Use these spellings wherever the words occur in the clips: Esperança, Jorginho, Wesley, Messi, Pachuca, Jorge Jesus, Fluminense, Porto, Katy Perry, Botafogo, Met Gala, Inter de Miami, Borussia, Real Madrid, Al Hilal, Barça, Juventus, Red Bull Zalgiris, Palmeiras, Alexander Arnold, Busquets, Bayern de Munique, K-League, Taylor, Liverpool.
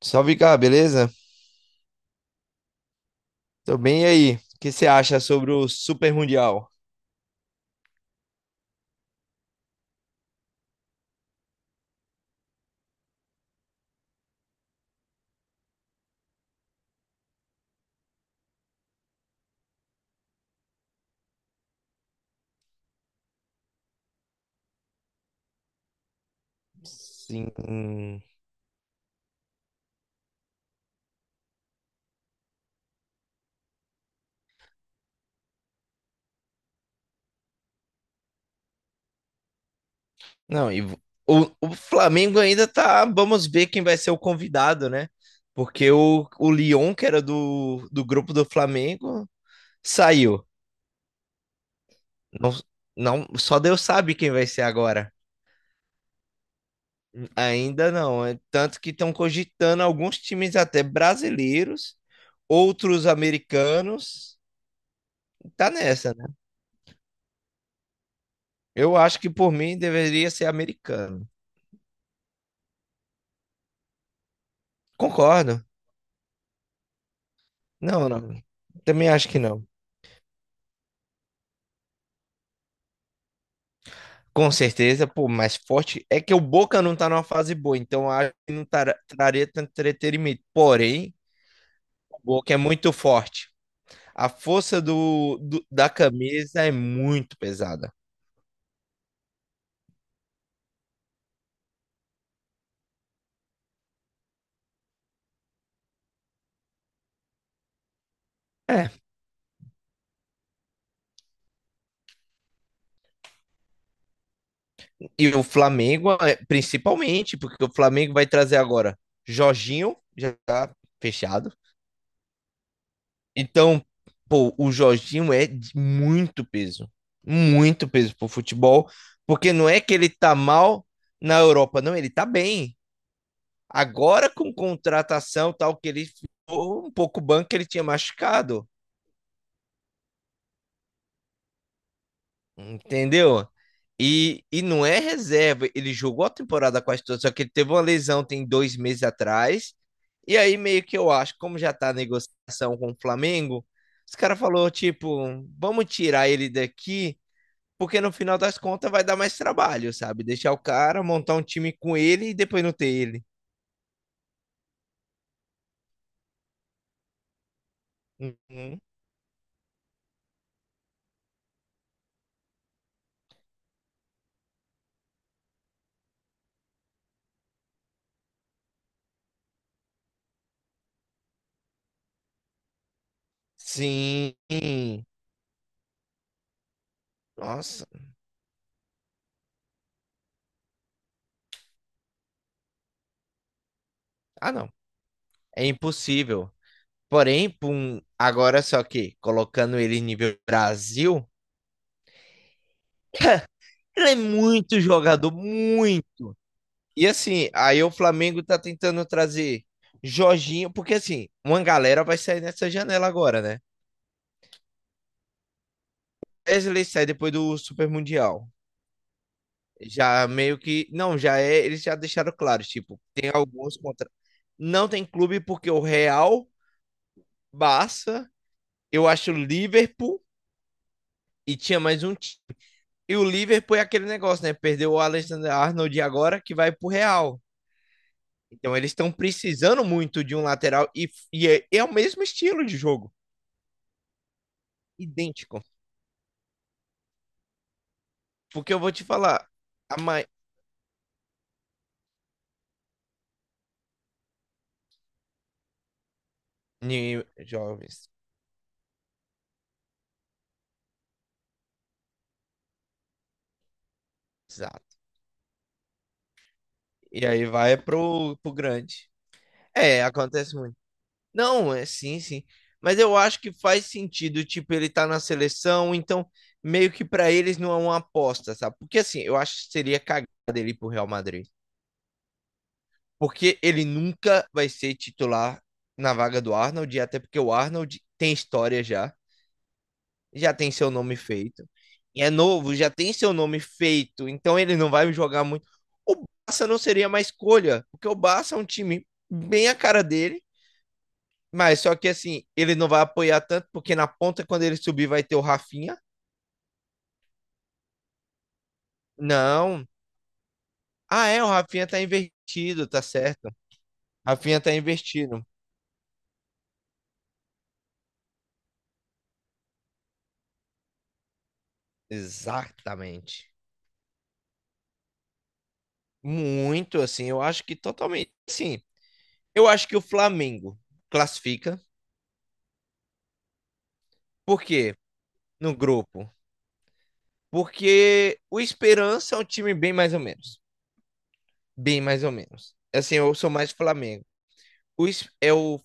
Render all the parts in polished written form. Salve, cá, beleza? Tô bem, e aí? O que você acha sobre o Super Mundial? Sim. Não, e vo- o Flamengo ainda tá. Vamos ver quem vai ser o convidado, né? Porque o Lyon, que era do grupo do Flamengo, saiu. Não, não, só Deus sabe quem vai ser agora. Ainda não. Tanto que estão cogitando alguns times até brasileiros, outros americanos. Tá nessa, né? Eu acho que por mim deveria ser americano. Concordo. Não. Também acho que não. Com certeza, pô, mais forte é que o Boca não tá numa fase boa, então acho que não traria tanto entretenimento. Porém, o Boca é muito forte. A força da camisa é muito pesada. É. E o Flamengo, é, principalmente, porque o Flamengo vai trazer agora Jorginho, já tá fechado. Então, pô, o Jorginho é de muito peso pro futebol, porque não é que ele tá mal na Europa, não, ele tá bem. Agora com contratação tal que ele ficou um pouco banco ele tinha machucado. Entendeu? E não é reserva. Ele jogou a temporada quase toda, só que ele teve uma lesão tem dois meses atrás. E aí, meio que eu acho, como já tá a negociação com o Flamengo, os caras falou tipo, vamos tirar ele daqui, porque no final das contas vai dar mais trabalho, sabe? Deixar o cara, montar um time com ele e depois não ter ele. Uhum. Sim. Nossa. Ah, não. É impossível. Porém, pum, agora só que colocando ele em nível Brasil. Ele é muito jogador, muito. E assim, aí o Flamengo tá tentando trazer Jorginho, porque assim, uma galera vai sair nessa janela agora, né? Wesley sai depois do Super Mundial. Já meio que. Não, já é. Eles já deixaram claro, tipo, tem alguns contra. Não tem clube porque o Real, Barça, eu acho o Liverpool e tinha mais um. E o Liverpool é aquele negócio, né? Perdeu o Alexander Arnold agora que vai pro Real. Então eles estão precisando muito de um lateral e é o mesmo estilo de jogo, idêntico. Porque eu vou te falar, a mai... jovens, exato. E aí vai pro grande. É, acontece muito. Não, é sim, sim. Mas eu acho que faz sentido, tipo, ele tá na seleção, então meio que pra eles não é uma aposta, sabe? Porque assim, eu acho que seria cagada ele ir pro Real Madrid. Porque ele nunca vai ser titular na vaga do Arnold, e até porque o Arnold tem história já. Já tem seu nome feito. E é novo, já tem seu nome feito. Então ele não vai jogar muito. O Barça não seria uma escolha, porque o Barça é um time bem a cara dele, mas só que assim, ele não vai apoiar tanto, porque na ponta, quando ele subir, vai ter o Rafinha. Não. Ah, é, o Rafinha tá invertido, tá certo. Rafinha tá invertido. Exatamente. Muito, assim, eu acho que totalmente. Sim, eu acho que o Flamengo classifica, porque no grupo porque o Esperança é um time bem mais ou menos. Bem mais ou menos. Assim, eu sou mais Flamengo. É o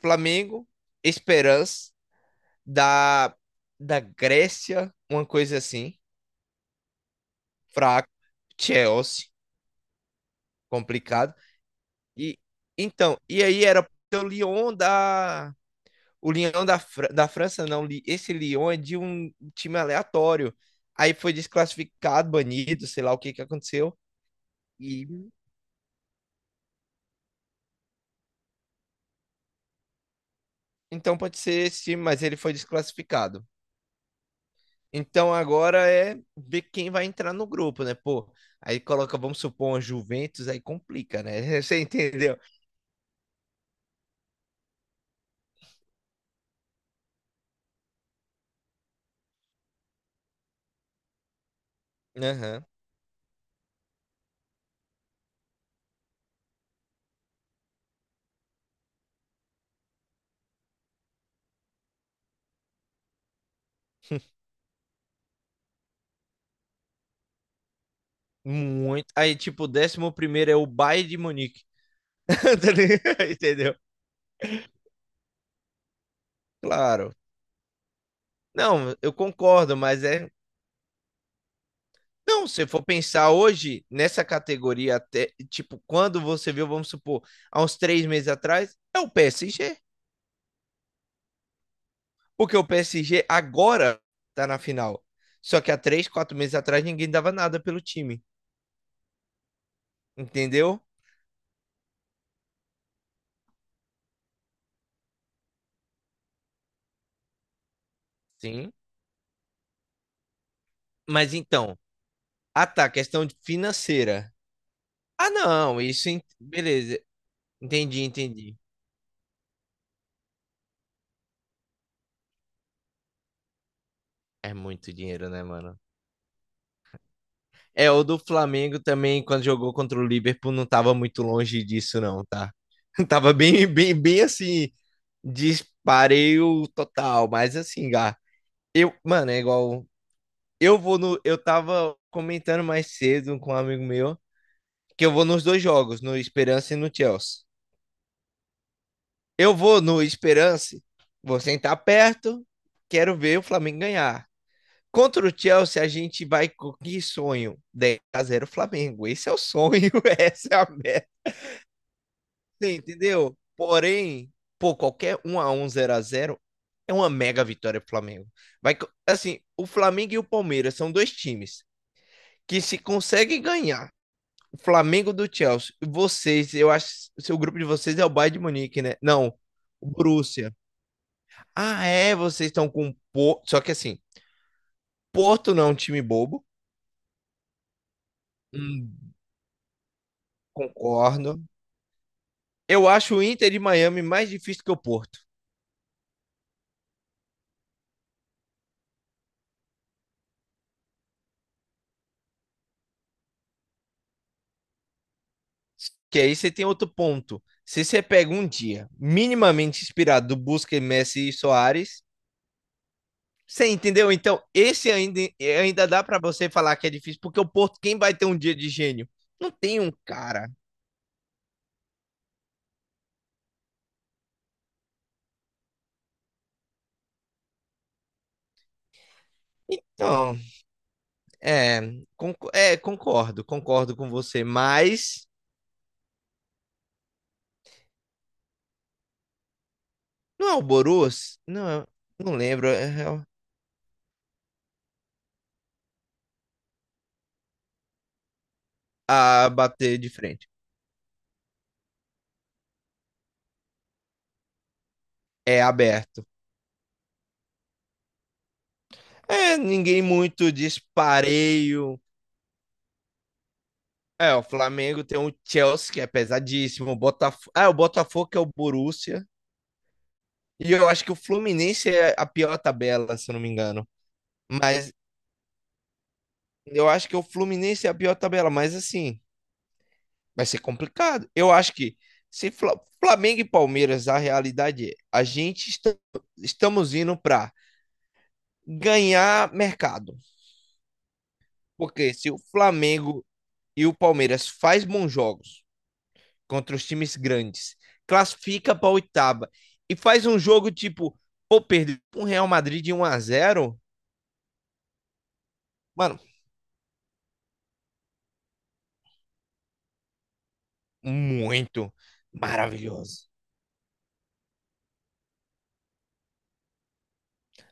Flamengo, Esperança, da, da Grécia, uma coisa assim, fraco. Chelsea, complicado. E então, e aí era o Lyon da. O Lyon da França, não. Esse Lyon é de um time aleatório. Aí foi desclassificado, banido, sei lá o que que aconteceu. E então pode ser esse time, mas ele foi desclassificado. Então agora é ver quem vai entrar no grupo, né? Pô, aí coloca, vamos supor, uma Juventus, aí complica, né? Você entendeu? Aham. Muito. Aí, tipo, o décimo primeiro é o Bayern de Munique. Tá ligado? Entendeu? Claro. Não, eu concordo, mas é. Não, se eu for pensar hoje, nessa categoria, até, tipo, quando você viu, vamos supor, há uns três meses atrás, é o PSG. Porque o PSG agora tá na final. Só que há três, quatro meses atrás ninguém dava nada pelo time. Entendeu? Sim. Mas então, ah tá, questão financeira. Ah não, isso. Beleza. Entendi, entendi. É muito dinheiro, né, mano? É, o do Flamengo também, quando jogou contra o Liverpool, não tava muito longe disso, não, tá? Tava bem, bem, bem assim, dispareio total. Mas assim, Gá, eu, mano, é igual Eu vou no. Eu tava comentando mais cedo com um amigo meu que eu vou nos dois jogos, no Esperança e no Chelsea. Eu vou no Esperança, vou sentar perto, quero ver o Flamengo ganhar. Contra o Chelsea, a gente vai com que sonho? Dez a zero Flamengo. Esse é o sonho, essa é a meta, entendeu? Porém, pô, qualquer um a um zero a zero é uma mega vitória pro Flamengo. Assim, o Flamengo e o Palmeiras são dois times que se conseguem ganhar o Flamengo do Chelsea. Vocês, eu acho, que o seu grupo de vocês é o Bayern de Munique, né? Não, o Borussia. Ah, é, vocês estão com Porto, só que assim, Porto não é um time bobo. Hum, concordo. Eu acho o Inter de Miami mais difícil que o Porto, que aí você tem outro ponto. Se você pega um dia minimamente inspirado do Busquets, Messi e Soares, você entendeu? Então, esse ainda, ainda dá para você falar que é difícil, porque o Porto, quem vai ter um dia de gênio? Não tem um cara. Então, é, concordo, concordo com você, mas não é o Borus? Não, não lembro a bater de frente. É aberto. É, ninguém muito dispareio. É, o Flamengo tem o Chelsea, que é pesadíssimo. O Botafogo, ah, o Botafogo que é o Borussia. E eu acho que o Fluminense é a pior tabela, se eu não me engano. Mas eu acho que o Fluminense é a pior tabela, mas assim, vai ser complicado. Eu acho que se Flamengo e Palmeiras, a realidade é, a gente estamos indo para ganhar mercado. Porque se o Flamengo e o Palmeiras faz bons jogos contra os times grandes, classifica para oitava e faz um jogo tipo, pô, perder um Real Madrid de um a zero mano, muito maravilhoso.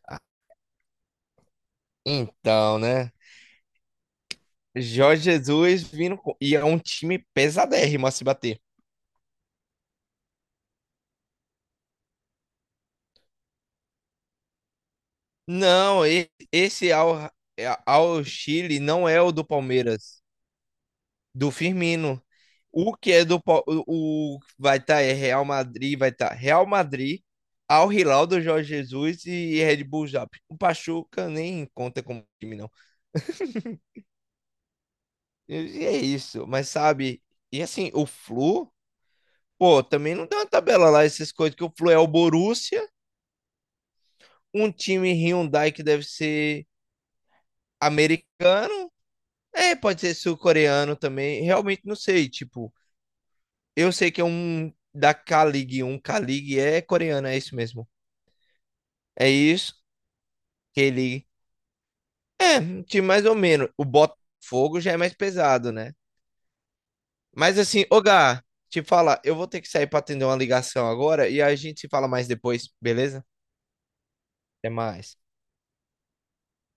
Ah, então, né? Jorge Jesus vindo e é um time pesadérrimo a se bater. Não, esse ao, ao Chile não é o do Palmeiras, do Firmino. O que é do Pal- o vai estar é Real Madrid, vai estar Real Madrid, Al Hilal do Jorge Jesus e Red Bull Zalgiris. O Pachuca nem conta como time não. E é isso, mas sabe? E assim, o Flu, pô, também não tem uma tabela lá essas coisas que o Flu é o Borussia, um time Hyundai que deve ser americano. É, pode ser sul-coreano também. Realmente não sei. Tipo, eu sei que é um da K-League. Um K-League é coreano, é isso mesmo. É isso. K-League. É, um time mais ou menos. O Botafogo já é mais pesado, né? Mas assim, ô Gá, te falar, eu vou ter que sair pra atender uma ligação agora e a gente se fala mais depois, beleza? Até mais.